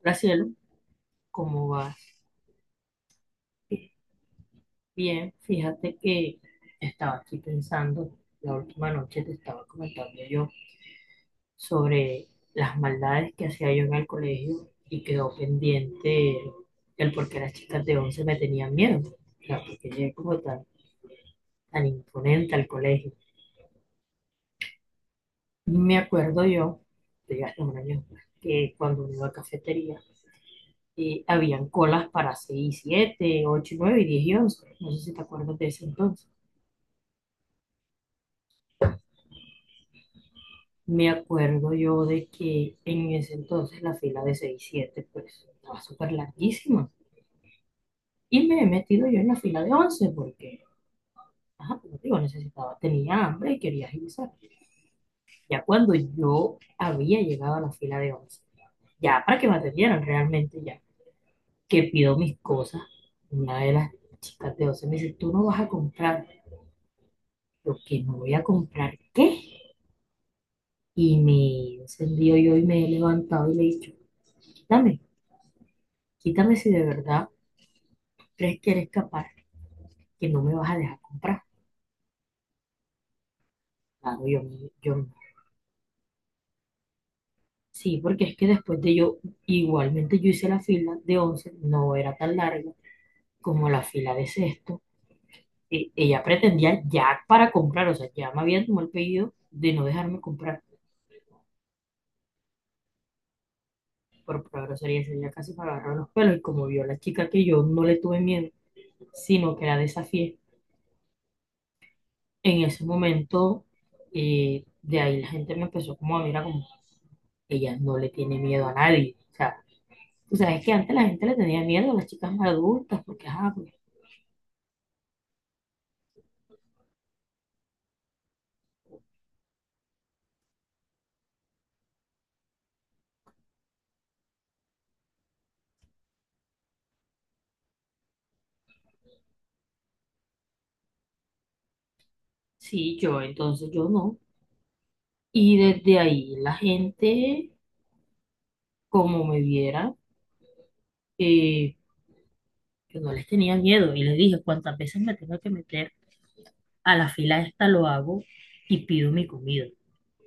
Graciela, ¿cómo vas? Bien, fíjate que estaba aquí pensando, la última noche te estaba comentando yo sobre las maldades que hacía yo en el colegio y quedó pendiente el por qué las chicas de 11 me tenían miedo, o sea, porque llegué como tan, tan imponente al colegio. Me acuerdo yo, de hasta un año después, que cuando me iba a cafetería, habían colas para 6, 7, 8, 9, 10 y 11. No sé si te acuerdas de ese entonces. Me acuerdo yo de que en ese entonces la fila de seis siete pues estaba súper larguísima. Y me he metido yo en la fila de 11 porque, ajá, como digo, necesitaba, tenía hambre y quería agilizar. Ya cuando yo había llegado a la fila de 11 ya para que me atendieran realmente ya, que pido mis cosas, una de las chicas de 11 me dice, tú no vas a comprar. Yo, ¿que no voy a comprar qué? Y me he encendido yo y me he levantado y le he dicho, quítame, quítame si de verdad crees que eres capaz, que no me vas a dejar comprar. Claro, sí, porque es que después de yo, igualmente yo hice la fila de 11 no era tan larga como la fila de sexto. Ella pretendía ya para comprar, o sea, ya me había tomado el pedido de no dejarme comprar. Por pura grosería, ese día casi me agarró los pelos y como vio la chica que yo no le tuve miedo, sino que la desafié, en ese momento, de ahí la gente me empezó como a mirar como, ella no le tiene miedo a nadie. O sea, tú sabes que antes la gente le tenía miedo a las chicas más adultas, porque, ah, pues, sí, yo, entonces yo no. Y desde ahí la gente, como me viera, eh, yo no les tenía miedo. Y les dije, cuántas veces me tengo que meter a la fila esta lo hago y pido mi comida,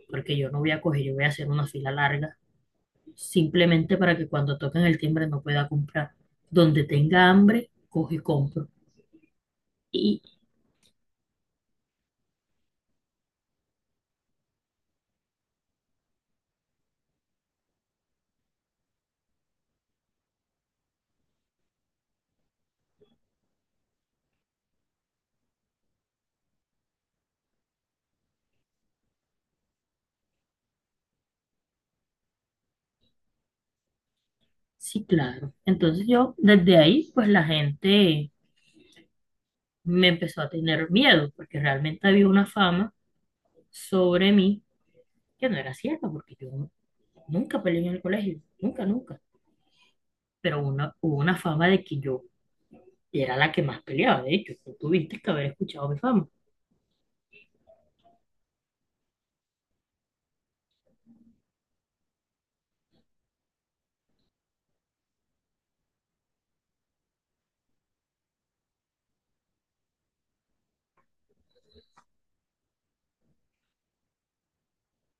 porque yo no voy a coger, yo voy a hacer una fila larga, simplemente para que cuando toquen el timbre no pueda comprar. Donde tenga hambre, cojo y compro. Y sí, claro. Entonces yo, desde ahí, pues la gente me empezó a tener miedo porque realmente había una fama sobre mí que no era cierta, porque yo nunca peleé en el colegio, nunca, nunca. Pero una, hubo una fama de que yo era la que más peleaba, de hecho, tú tuviste que haber escuchado mi fama.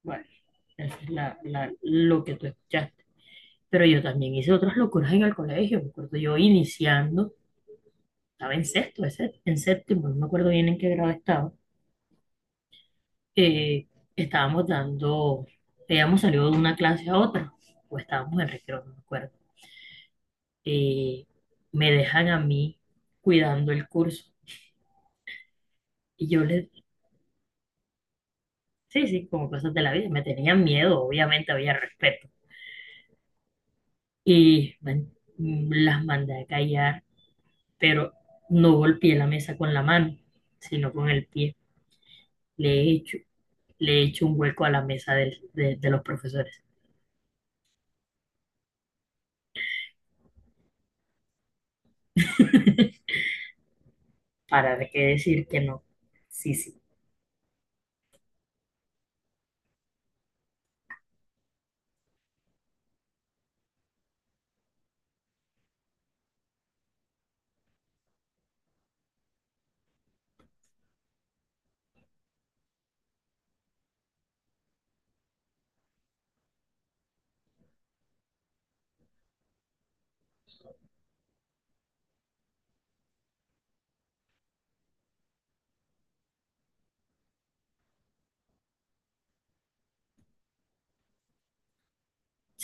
Bueno, esa es lo que tú escuchaste. Pero yo también hice otras locuras en el colegio, me acuerdo yo iniciando, estaba en sexto, en séptimo, no me acuerdo bien en qué grado estaba, eh, estábamos dando, habíamos salido de una clase a otra, o estábamos en recreo, no me acuerdo, eh, me dejan a mí cuidando el curso. Y yo les, sí, sí, como cosas de la vida, me tenían miedo, obviamente había respeto. Y las mandé a callar, pero no golpeé la mesa con la mano, sino con el pie. Le he hecho, le he hecho un hueco a la mesa de los profesores. ¿Para qué decir que no? Sí, sí.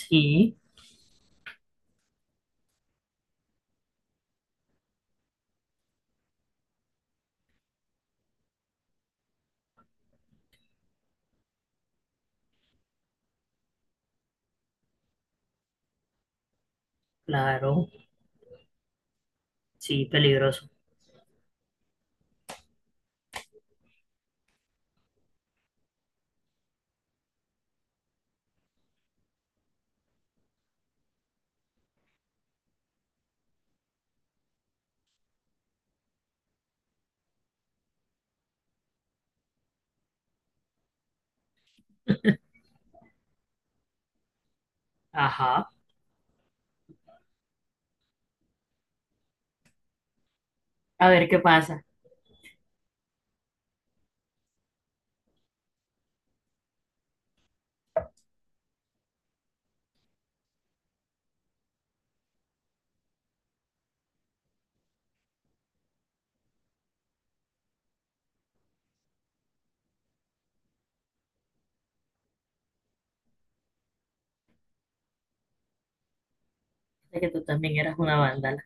Sí, claro, sí, peligroso. Ajá. A ver qué pasa. Es que tú también eras una vándala.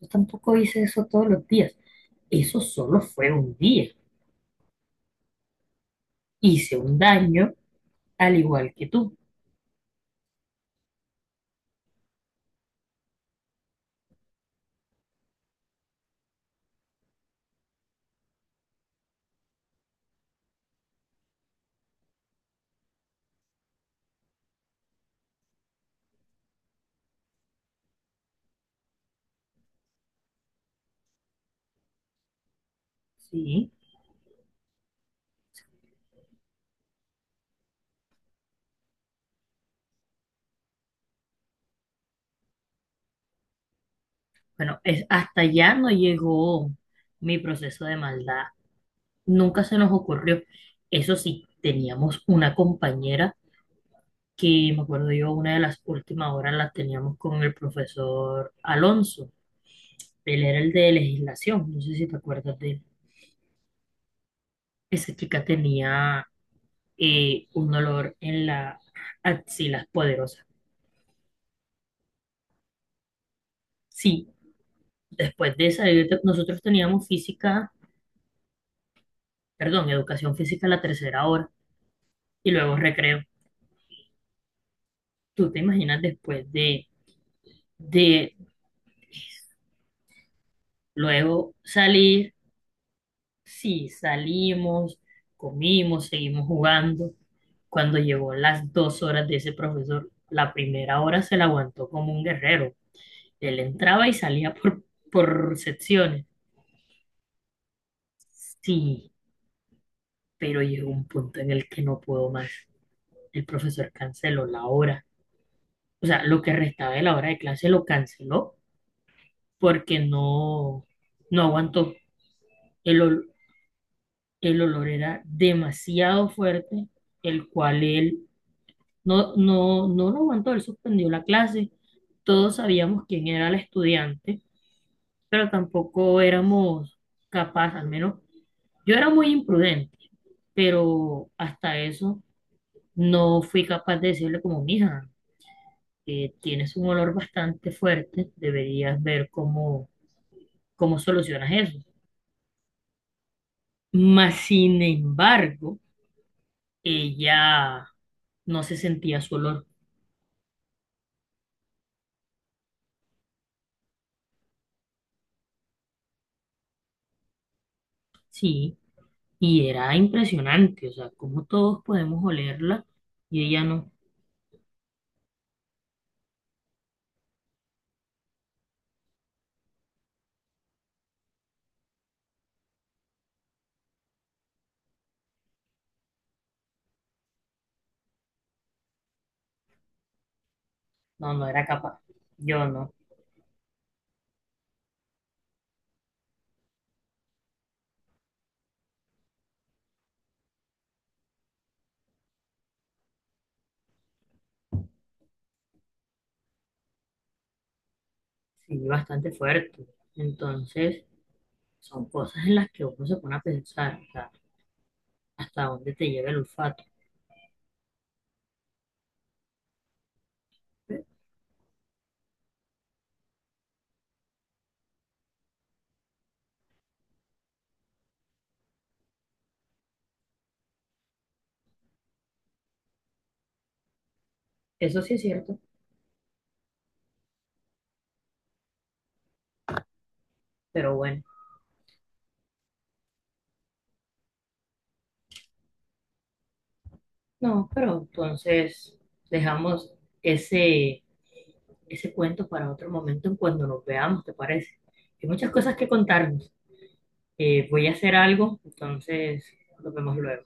Yo tampoco hice eso todos los días. Eso solo fue un día. Hice un daño al igual que tú. Sí. Bueno, es, hasta allá no llegó mi proceso de maldad. Nunca se nos ocurrió. Eso sí, teníamos una compañera que, me acuerdo yo, una de las últimas horas las teníamos con el profesor Alonso. Él era el de legislación. No sé si te acuerdas de él. Esa chica tenía, un dolor en las axilas poderosas. Sí, después de esa, nosotros teníamos física, perdón, educación física a la tercera hora y luego recreo. ¿Tú te imaginas después de luego salir? Sí, salimos, comimos, seguimos jugando. Cuando llegó las dos horas de ese profesor, la primera hora se la aguantó como un guerrero. Él entraba y salía por secciones. Sí, pero llegó un punto en el que no puedo más. El profesor canceló la hora, o sea, lo que restaba de la hora de clase lo canceló porque no, no aguantó. El, ol- el olor era demasiado fuerte, el cual él no, no, no lo aguantó, él suspendió la clase. Todos sabíamos quién era el estudiante, pero tampoco éramos capaces, al menos yo era muy imprudente, pero hasta eso no fui capaz de decirle como, mija, que tienes un olor bastante fuerte, deberías ver cómo ¿cómo solucionas eso? Mas, sin embargo, ella no se sentía su olor. Sí, y era impresionante, o sea, como todos podemos olerla y ella no, no era capaz. Yo no, sí, bastante fuerte. Entonces, son cosas en las que uno se pone a pensar, o sea, hasta dónde te lleva el olfato. Eso sí es cierto, pero bueno, no, pero entonces dejamos ese ese cuento para otro momento en cuando nos veamos, ¿te parece? Hay muchas cosas que contarnos. Voy a hacer algo, entonces nos vemos luego.